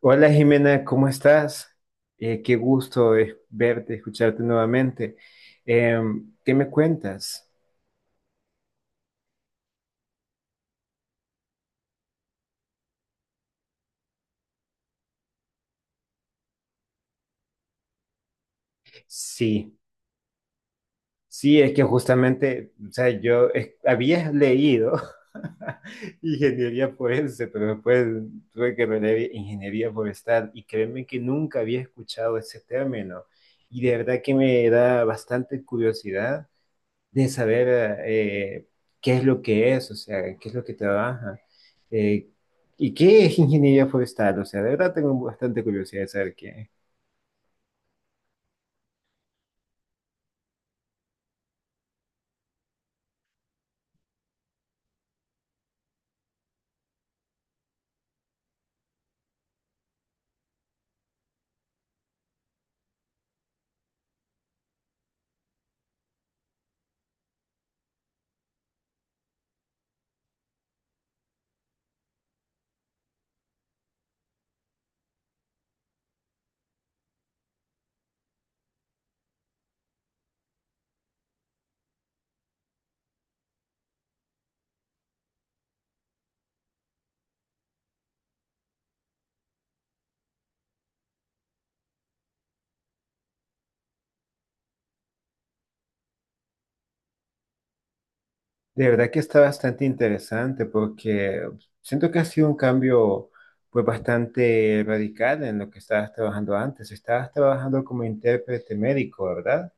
Hola Jimena, ¿cómo estás? Qué gusto verte, escucharte nuevamente. ¿Qué me cuentas? Sí, sí, es que justamente, o sea, yo había leído ingeniería forense, pero después tuve que releer ingeniería forestal y créeme que nunca había escuchado ese término y de verdad que me da bastante curiosidad de saber qué es lo que es, o sea, qué es lo que trabaja eh, y qué es ingeniería forestal. O sea, de verdad tengo bastante curiosidad de saber qué es. De verdad que está bastante interesante porque siento que ha sido un cambio pues bastante radical en lo que estabas trabajando antes. Estabas trabajando como intérprete médico, ¿verdad?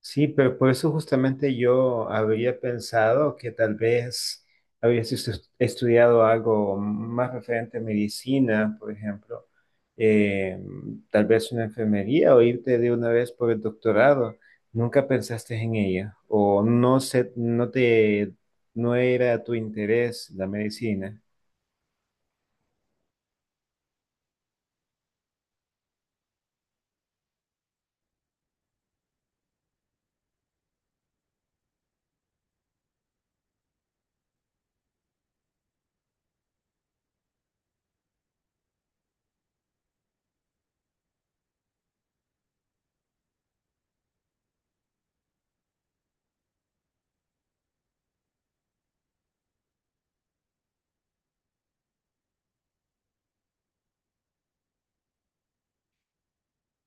Sí, pero por eso justamente yo habría pensado que tal vez estudiado algo más referente a medicina, por ejemplo, eh, tal vez una enfermería o irte de una vez por el doctorado. Nunca pensaste en ella o no sé, no te, no era tu interés la medicina.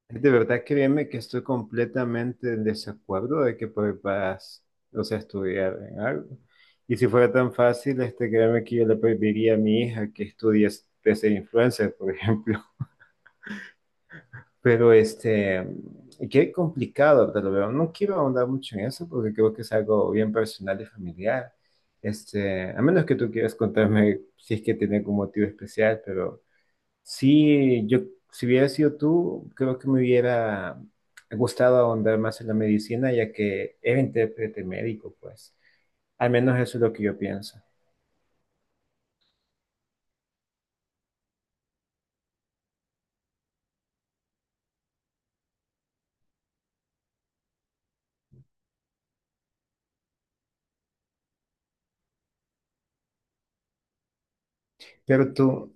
De verdad, créeme que estoy completamente en desacuerdo de que pues, vas, o sea, a estudiar en algo. Y si fuera tan fácil, créeme que yo le pediría a mi hija que estudie de ser influencer, por ejemplo. Pero y qué complicado, te lo veo. No quiero ahondar mucho en eso porque creo que es algo bien personal y familiar. A menos que tú quieras contarme si es que tiene algún motivo especial, pero sí, yo, si hubiera sido tú, creo que me hubiera gustado ahondar más en la medicina, ya que era intérprete médico, pues. Al menos eso es lo que yo pienso. Pero tú,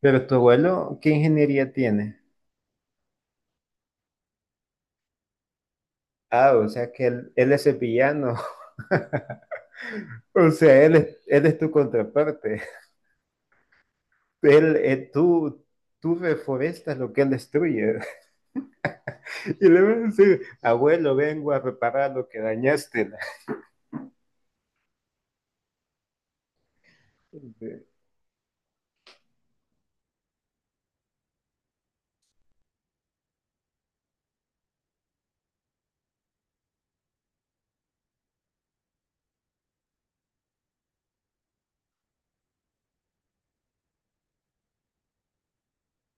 pero tu abuelo, ¿qué ingeniería tiene? Ah, o sea que él es sevillano. O sea, él es tu contraparte. Él, eh, tú, tú reforestas lo que él destruye. Y le va a decir, abuelo, vengo a reparar lo que dañaste.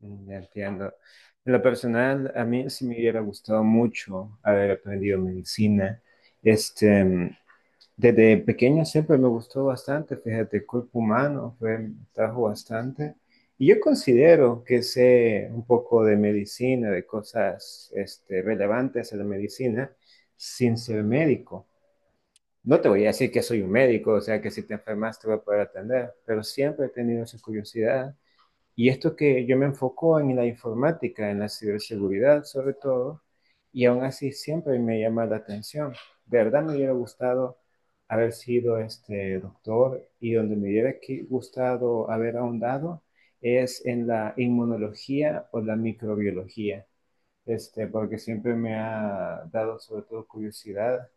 Ya entiendo. En lo personal, a mí sí me hubiera gustado mucho haber aprendido medicina. Este, Desde pequeño siempre me gustó bastante, fíjate, el cuerpo humano fue, me trajo bastante. Y yo considero que sé un poco de medicina, de cosas relevantes a la medicina, sin ser médico. No te voy a decir que soy un médico, o sea, que si te enfermas te voy a poder atender, pero siempre he tenido esa curiosidad. Y esto que yo me enfoco en la informática, en la ciberseguridad sobre todo, y aún así siempre me llama la atención. De verdad me hubiera gustado haber sido doctor y donde me hubiera gustado haber ahondado es en la inmunología o la microbiología porque siempre me ha dado sobre todo curiosidad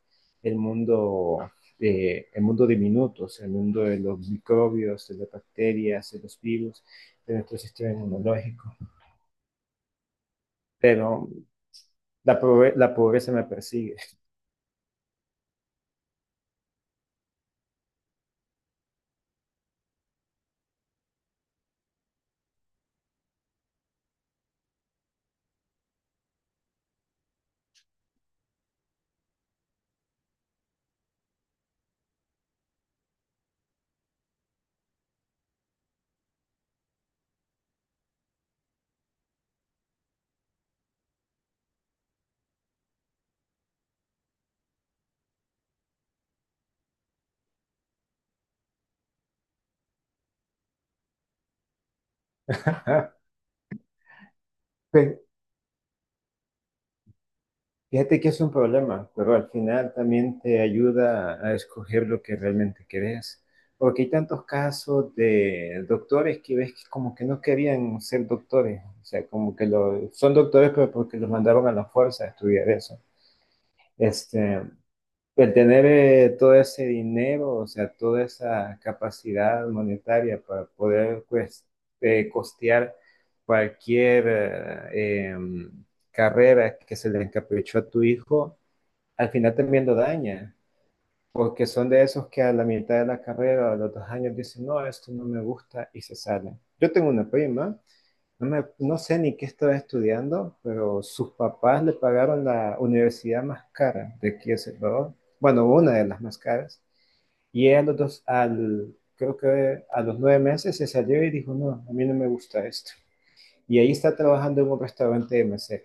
el mundo, el mundo de minutos, el mundo de los microbios, de las bacterias, de los virus, de nuestro sistema inmunológico. Pero la, la pobreza me persigue. Fíjate que es un problema, pero al final también te ayuda a escoger lo que realmente querés. Porque hay tantos casos de doctores que ves que como que no querían ser doctores. O sea, como que lo, son doctores, pero porque los mandaron a la fuerza a estudiar eso. Este, el tener todo ese dinero, o sea, toda esa capacidad monetaria para poder pues, costear cualquier eh, em, carrera que se le encaprichó a tu hijo al final también lo daña, porque son de esos que a la mitad de la carrera o a los 2 años dicen, no, esto no me gusta y se salen. Yo tengo una prima, no, no sé ni qué estaba estudiando, pero sus papás le pagaron la universidad más cara de aquí de Salvador, bueno, una de las más caras, y ella a los creo que a los 9 meses se salió y dijo, no, a mí no me gusta esto. Y ahí está trabajando en un restaurante de mesera.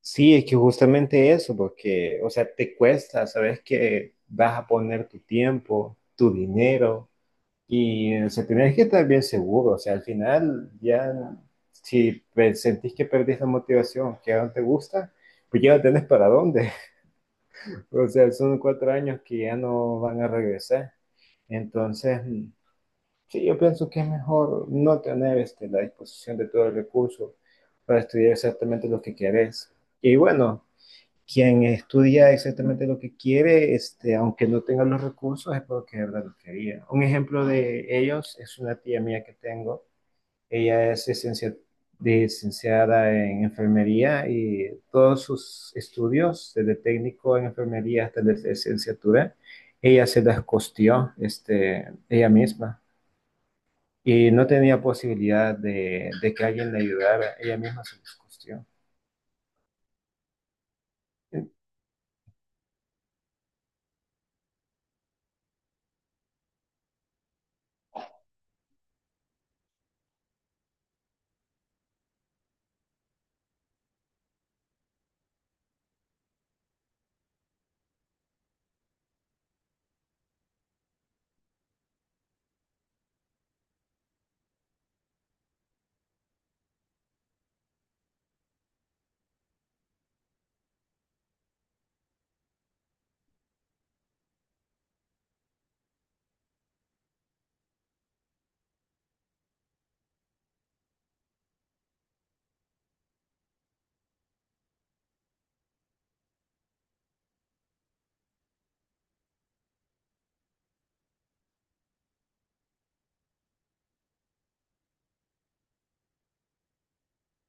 Sí, es que justamente eso, porque, o sea, te cuesta, sabes que vas a poner tu tiempo, tu dinero, y, o sea, tenés que estar bien seguro, o sea, al final ya, si sentís que perdés la motivación, que ya no te gusta, pues ya no tenés para dónde, o sea, son 4 años que ya no van a regresar, entonces, sí, yo pienso que es mejor no tener, la disposición de todo el recurso para estudiar exactamente lo que querés, y bueno quien estudia exactamente lo que quiere, aunque no tenga los recursos, es porque de verdad lo quería. Un ejemplo de ellos es una tía mía que tengo. Ella es licenciada en enfermería y todos sus estudios, desde técnico en enfermería hasta la licenciatura, ella se las costeó, ella misma. Y no tenía posibilidad de que alguien le ayudara, ella misma se las costeó.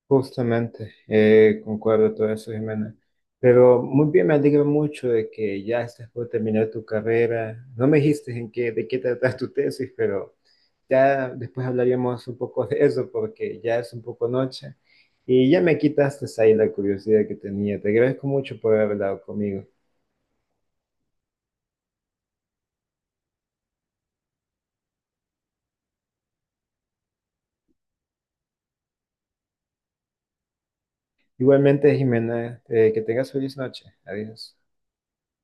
Justamente, concuerdo todo eso, Jimena. Pero muy bien, me alegro mucho de que ya estás por terminar tu carrera. No me dijiste en qué, de qué tratas tu tesis, pero ya después hablaríamos un poco de eso porque ya es un poco noche y ya me quitaste ahí la curiosidad que tenía. Te agradezco mucho por haber hablado conmigo. Igualmente, Jimena, que tengas feliz noche. Adiós.